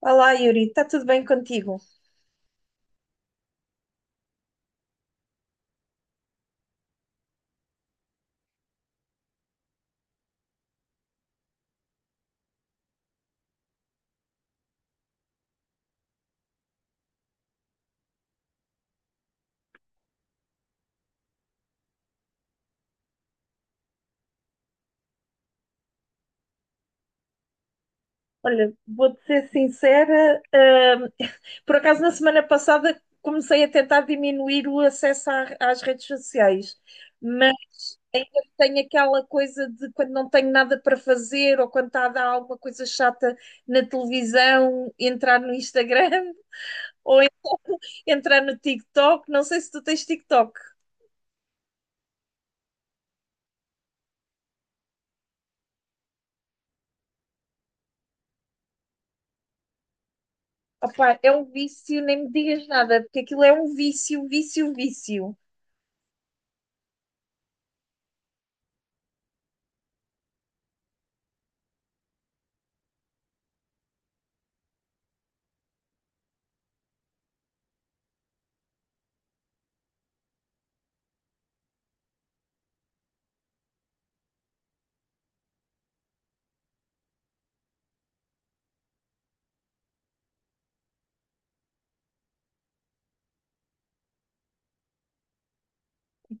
Olá, Yuri, está tudo bem contigo? Olha, vou-te ser sincera, por acaso na semana passada comecei a tentar diminuir o acesso às redes sociais, mas ainda tenho aquela coisa de quando não tenho nada para fazer ou quando está a dar alguma coisa chata na televisão, entrar no Instagram ou então entrar no TikTok. Não sei se tu tens TikTok. Opá, é um vício, nem me digas nada, porque aquilo é um vício, vício, vício.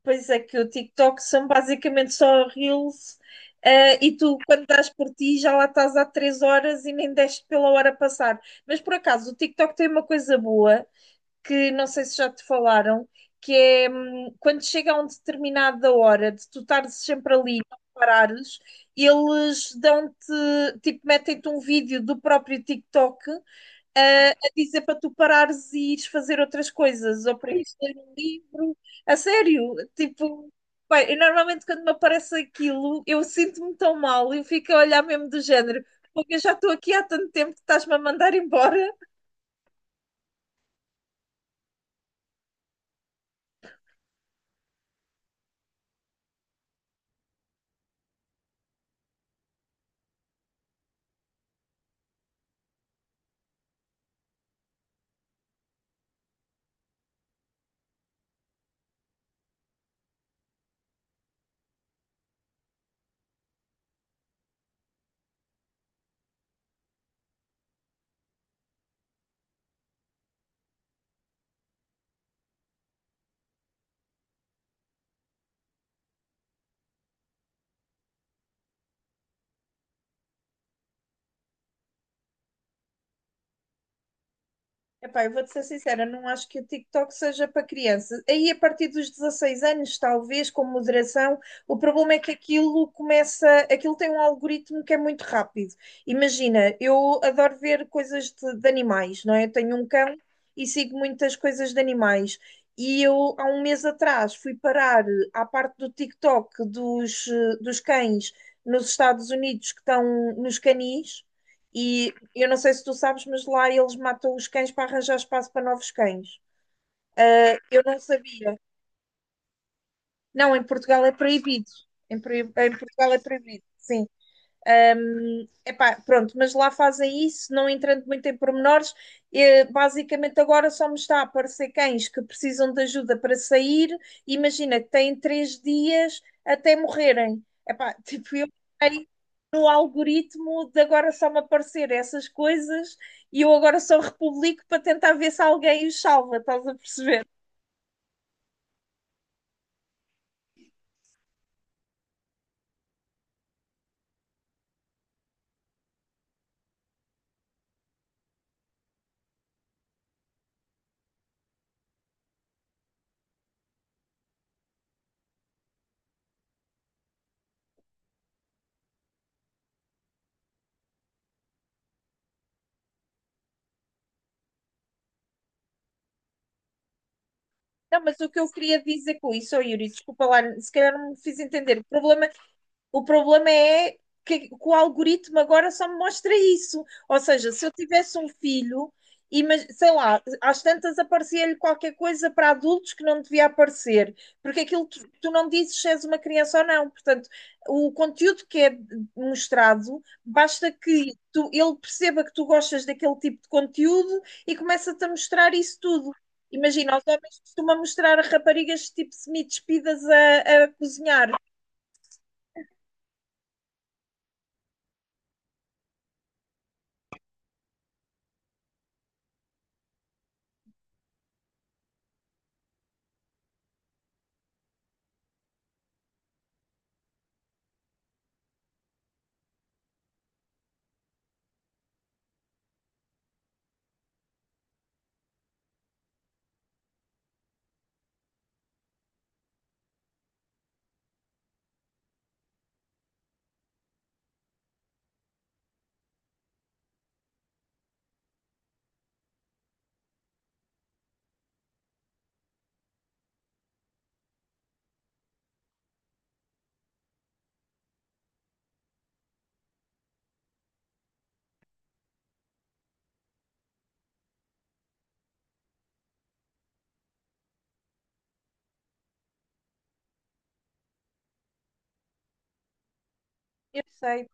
Pois é que o TikTok são basicamente só reels, e tu, quando dás por ti, já lá estás há 3 horas e nem deste pela hora passar. Mas por acaso, o TikTok tem uma coisa boa, que não sei se já te falaram, que é quando chega a uma determinada hora de tu estares sempre ali, e não parares, eles dão-te, tipo, metem-te um vídeo do próprio TikTok a dizer para tu parares e ires fazer outras coisas, ou para ires ler um livro, a sério, tipo. Bem, eu normalmente quando me aparece aquilo, eu sinto-me tão mal, eu fico a olhar mesmo do género, porque eu já estou aqui há tanto tempo que estás-me a mandar embora. Epá, eu vou-te ser sincera, não acho que o TikTok seja para crianças. Aí, a partir dos 16 anos, talvez, com moderação, o problema é que aquilo começa, aquilo tem um algoritmo que é muito rápido. Imagina, eu adoro ver coisas de animais, não é? Eu tenho um cão e sigo muitas coisas de animais. E eu, há um mês atrás, fui parar à parte do TikTok dos cães nos Estados Unidos que estão nos canis. E eu não sei se tu sabes, mas lá eles matam os cães para arranjar espaço para novos cães. Eu não sabia. Não, em Portugal é proibido. Em Portugal é proibido, sim. Epá, pronto, mas lá fazem isso, não entrando muito em pormenores. Basicamente, agora só me está a aparecer cães que precisam de ajuda para sair. Imagina que têm 3 dias até morrerem. Epá, tipo, eu entrei no algoritmo de agora só me aparecer essas coisas e eu agora só republico para tentar ver se alguém os salva, estás a perceber? Não, mas o que eu queria dizer com isso, oh Yuri, desculpa lá, se calhar não me fiz entender. O problema é que o algoritmo agora só me mostra isso. Ou seja, se eu tivesse um filho, mas, sei lá, às tantas aparecia-lhe qualquer coisa para adultos que não devia aparecer, porque aquilo tu não dizes se és uma criança ou não. Portanto, o conteúdo que é mostrado, basta que tu, ele perceba que tu gostas daquele tipo de conteúdo e começa-te a mostrar isso tudo. Imagina, os homens costumam mostrar a raparigas tipo semi-despidas a cozinhar. Eu sei,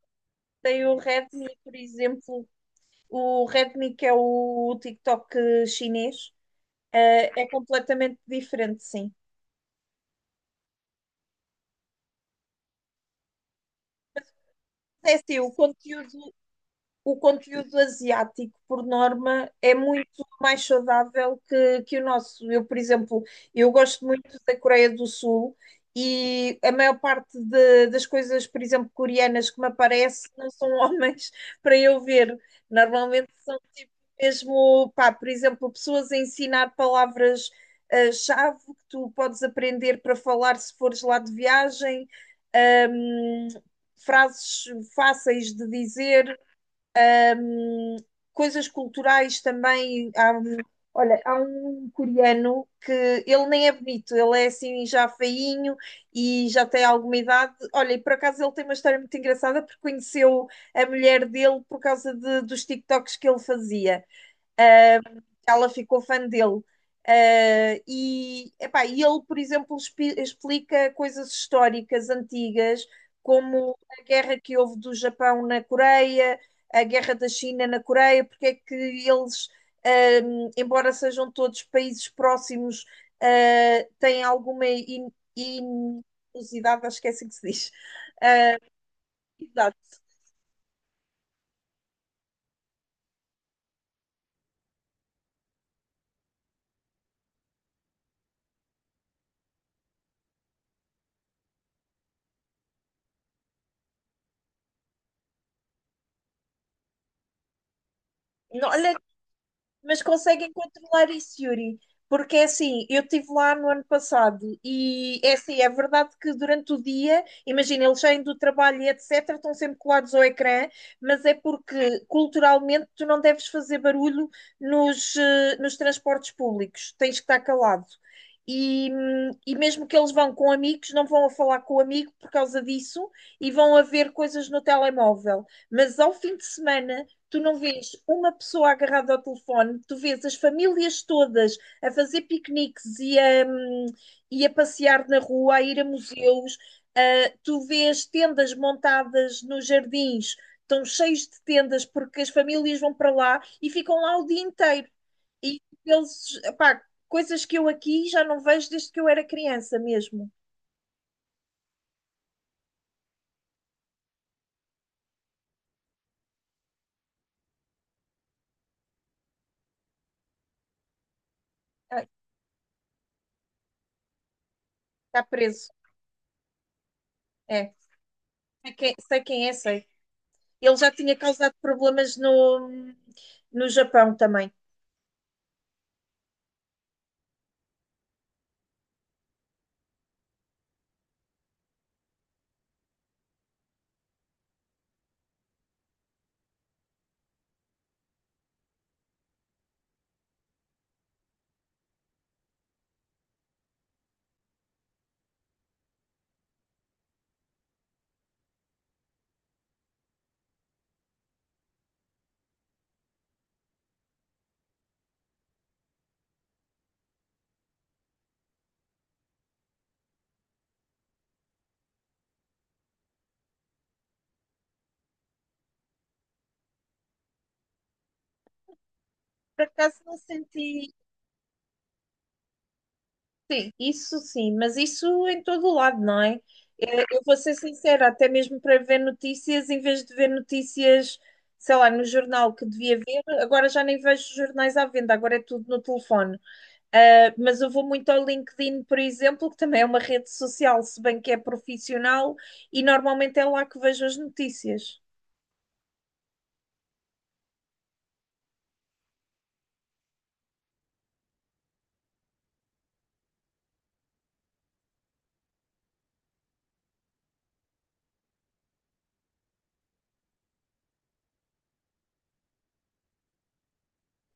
tem o Redmi, por exemplo, o Redmi que é o TikTok chinês, é completamente diferente, sim. É assim, o conteúdo asiático, por norma, é muito mais saudável que o nosso. Eu, por exemplo, eu gosto muito da Coreia do Sul e a maior parte das coisas, por exemplo, coreanas que me aparecem não são homens para eu ver. Normalmente são tipo mesmo, pá, por exemplo, pessoas a ensinar palavras, chave que tu podes aprender para falar se fores lá de viagem, ahm, frases fáceis de dizer, coisas culturais também. Olha, há um coreano que ele nem é bonito, ele é assim já feinho e já tem alguma idade. Olha, e por acaso ele tem uma história muito engraçada porque conheceu a mulher dele por causa dos TikToks que ele fazia. Ela ficou fã dele. E, epá, e ele, por exemplo, explica coisas históricas antigas, como a guerra que houve do Japão na Coreia, a guerra da China na Coreia, porque é que eles, embora sejam todos países próximos, têm alguma inusidade, acho que é assim que se diz. Exato. Não, olha, mas conseguem controlar isso, Yuri. Porque é assim, eu estive lá no ano passado e é assim, é verdade que durante o dia, imagina, eles saem do trabalho e etc, estão sempre colados ao ecrã, mas é porque culturalmente tu não deves fazer barulho nos transportes públicos, tens que estar calado. E mesmo que eles vão com amigos, não vão a falar com o amigo por causa disso e vão a ver coisas no telemóvel. Mas ao fim de semana, tu não vês uma pessoa agarrada ao telefone, tu vês as famílias todas a fazer piqueniques e a passear na rua, a ir a museus, tu vês tendas montadas nos jardins, estão cheios de tendas porque as famílias vão para lá e ficam lá o dia inteiro. E eles, pá, coisas que eu aqui já não vejo desde que eu era criança mesmo. Está preso. É, sei quem é, sei. Ele já tinha causado problemas no Japão também. Por acaso não senti. Sim, isso sim, mas isso em todo o lado, não é? Eu vou ser sincera, até mesmo para ver notícias, em vez de ver notícias, sei lá, no jornal que devia ver, agora já nem vejo jornais à venda, agora é tudo no telefone. Mas eu vou muito ao LinkedIn, por exemplo, que também é uma rede social, se bem que é profissional, e normalmente é lá que vejo as notícias.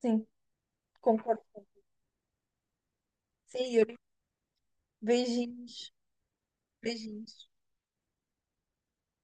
Sim, concordo. Sim, Yuri. Beijinhos. Beijinhos.